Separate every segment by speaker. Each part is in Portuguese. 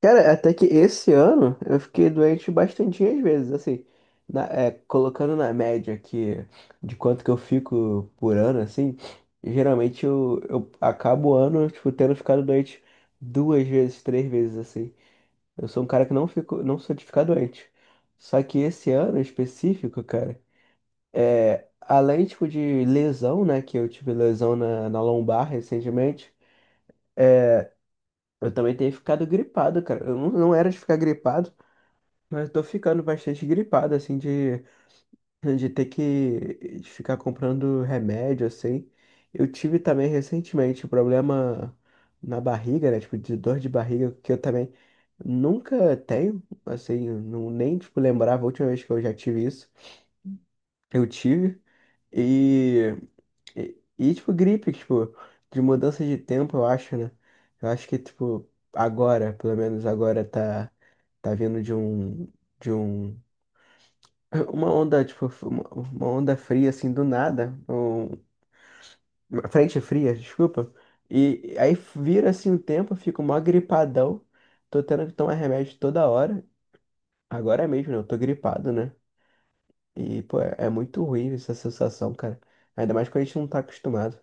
Speaker 1: Cara, até que esse ano eu fiquei doente bastantinhas vezes, assim, colocando na média que de quanto que eu fico por ano, assim, geralmente eu acabo o ano, tipo, tendo ficado doente duas vezes, três vezes, assim. Eu sou um cara que não fico, não sou de ficar doente. Só que esse ano em específico, cara, além, tipo, de lesão, né, que eu tive lesão na lombar recentemente, eu também tenho ficado gripado, cara. Eu não, não era de ficar gripado. Mas eu tô ficando bastante gripado, assim, de ter que de ficar comprando remédio, assim. Eu tive também recentemente um problema na barriga, né? Tipo, de dor de barriga, que eu também nunca tenho, assim, não, nem, tipo, lembrava a última vez que eu já tive isso. Eu tive. E, tipo, gripe, tipo, de mudança de tempo, eu acho, né? Eu acho que, tipo, agora, pelo menos agora, tá vindo de um. De um uma onda, tipo, uma onda fria, assim, do nada, uma frente fria, desculpa, e aí vira, assim, o tempo, eu fico mó gripadão, tô tendo que tomar remédio toda hora, agora mesmo, né, eu tô gripado, né, e, pô, é muito ruim essa sensação, cara, ainda mais quando a gente não tá acostumado.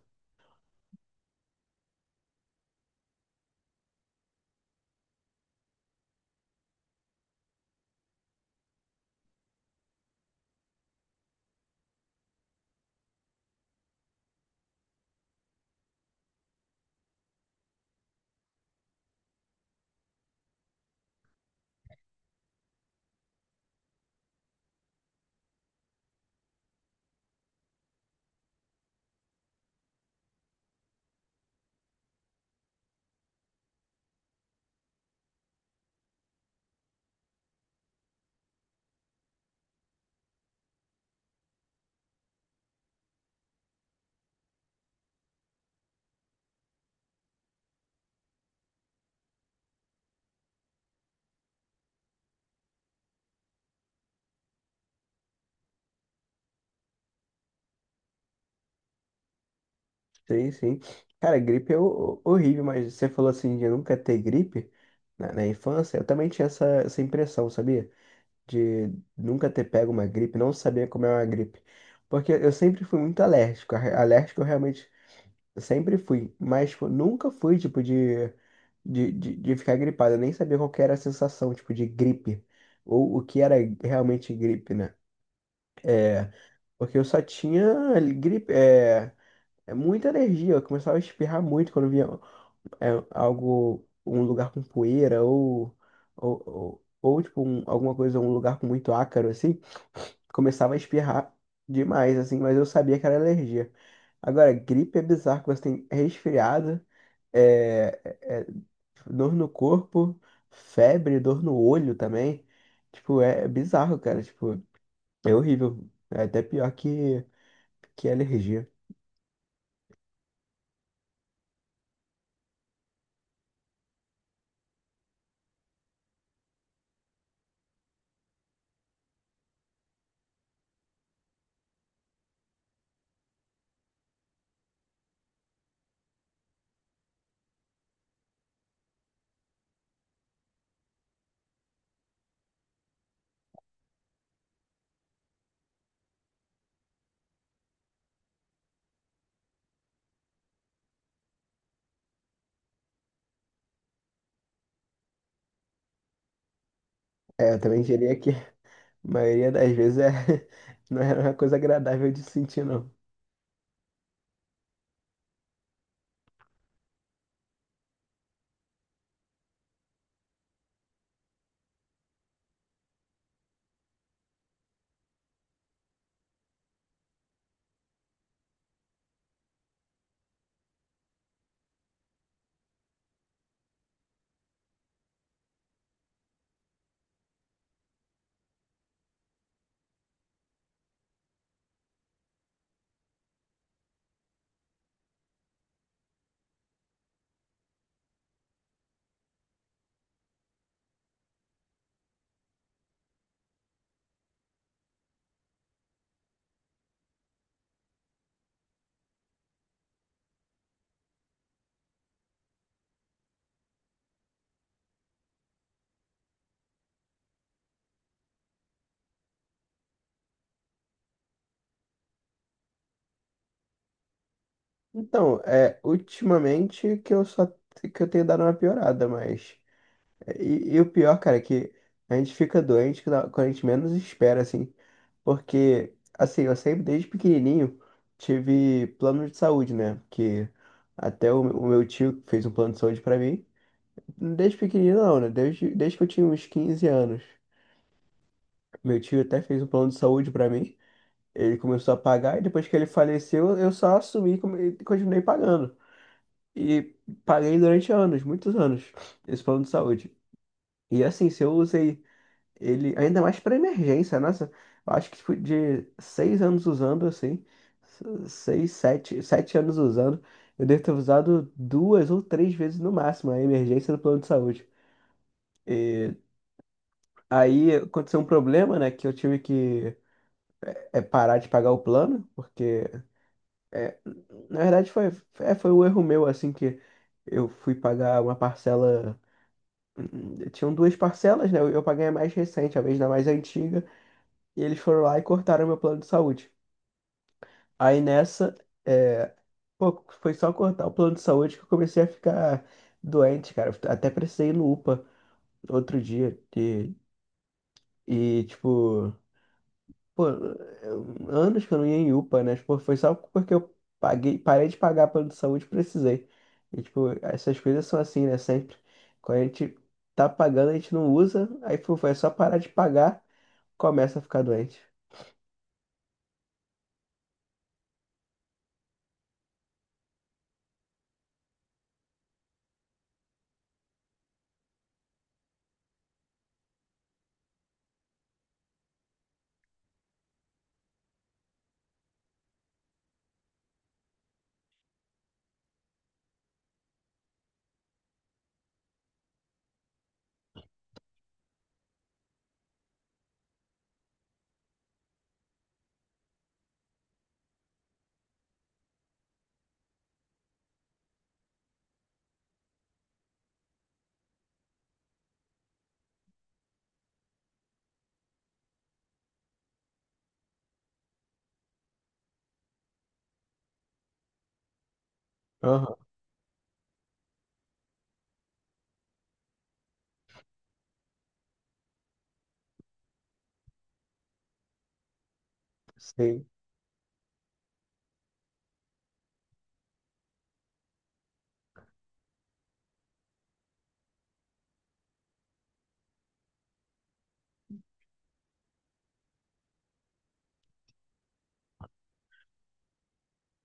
Speaker 1: Sim, sim, cara, gripe é horrível, mas você falou, assim, de nunca ter gripe na infância, eu também tinha essa, essa impressão, sabia? De nunca ter pego uma gripe, não saber como é uma gripe. Porque eu sempre fui muito alérgico. Alérgico eu realmente sempre fui. Mas tipo, nunca fui, tipo, de ficar gripado. Eu nem sabia qual que era a sensação, tipo, de gripe. Ou o que era realmente gripe, né? É, Porque eu só tinha gripe, é muita alergia. Eu começava a espirrar muito quando via algo, um lugar com poeira ou, tipo, alguma coisa, um lugar com muito ácaro, assim. Começava a espirrar demais, assim, mas eu sabia que era alergia. Agora, gripe é bizarro, que você tem resfriado, é dor no corpo, febre, dor no olho também. Tipo, é bizarro, cara. Tipo, é horrível. É até pior que alergia. É, eu também diria que a maioria das vezes é, não era uma coisa agradável de sentir, não. Então, ultimamente que eu só que eu tenho dado uma piorada, mas. E o pior, cara, é que a gente fica doente quando a gente menos espera, assim. Porque, assim, eu sempre, desde pequenininho, tive plano de saúde, né? Que até o meu tio fez um plano de saúde pra mim. Desde pequenininho, não, né? Desde que eu tinha uns 15 anos. Meu tio até fez um plano de saúde pra mim. Ele começou a pagar e depois que ele faleceu, eu só assumi e e continuei pagando. E paguei durante anos, muitos anos, esse plano de saúde. E assim, se eu usei ele, ainda mais para emergência, nossa, eu acho que tipo, de seis anos usando assim, seis, sete, sete anos usando, eu devo ter usado duas ou três vezes no máximo a emergência do plano de saúde. E aí aconteceu um problema, né, que eu tive que parar de pagar o plano, porque é, na verdade foi, foi um erro meu, assim, que eu fui pagar uma parcela, tinham duas parcelas, né, eu paguei a mais recente, a vez da mais antiga, e eles foram lá e cortaram meu plano de saúde. Aí nessa, é, pô, foi só cortar o plano de saúde que eu comecei a ficar doente, cara. Até precisei ir no UPA outro dia. E tipo, pô, anos que eu não ia em UPA, né? Tipo, foi só porque eu paguei, parei de pagar plano de saúde e precisei. E, tipo, essas coisas são assim, né? Sempre. Quando a gente tá pagando, a gente não usa. Aí, pô, foi só parar de pagar, começa a ficar doente. Aham, sim.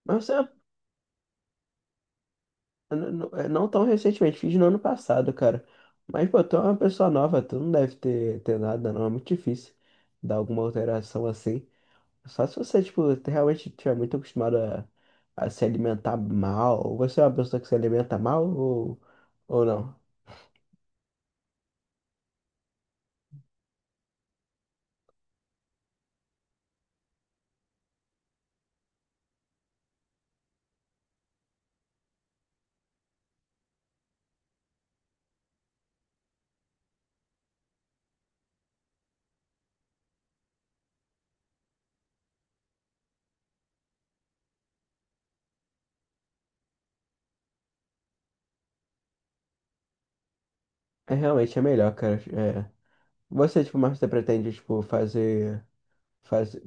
Speaker 1: Mas você é não tão recentemente, fiz no ano passado, cara. Mas, pô, tu é uma pessoa nova, tu não deve ter, ter nada, não. É muito difícil dar alguma alteração assim. Só se você, tipo, realmente estiver muito acostumado a se alimentar mal. Ou você é uma pessoa que se alimenta mal ou não? É realmente é melhor, cara. É. Você, tipo, mas você pretende, tipo, fazer,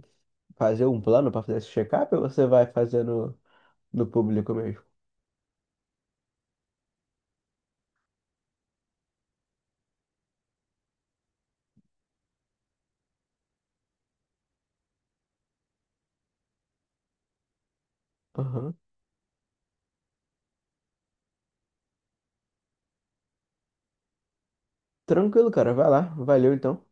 Speaker 1: fazer um plano pra fazer esse check-up ou você vai fazer no público mesmo? Aham. Tranquilo, cara. Vai lá. Valeu, então.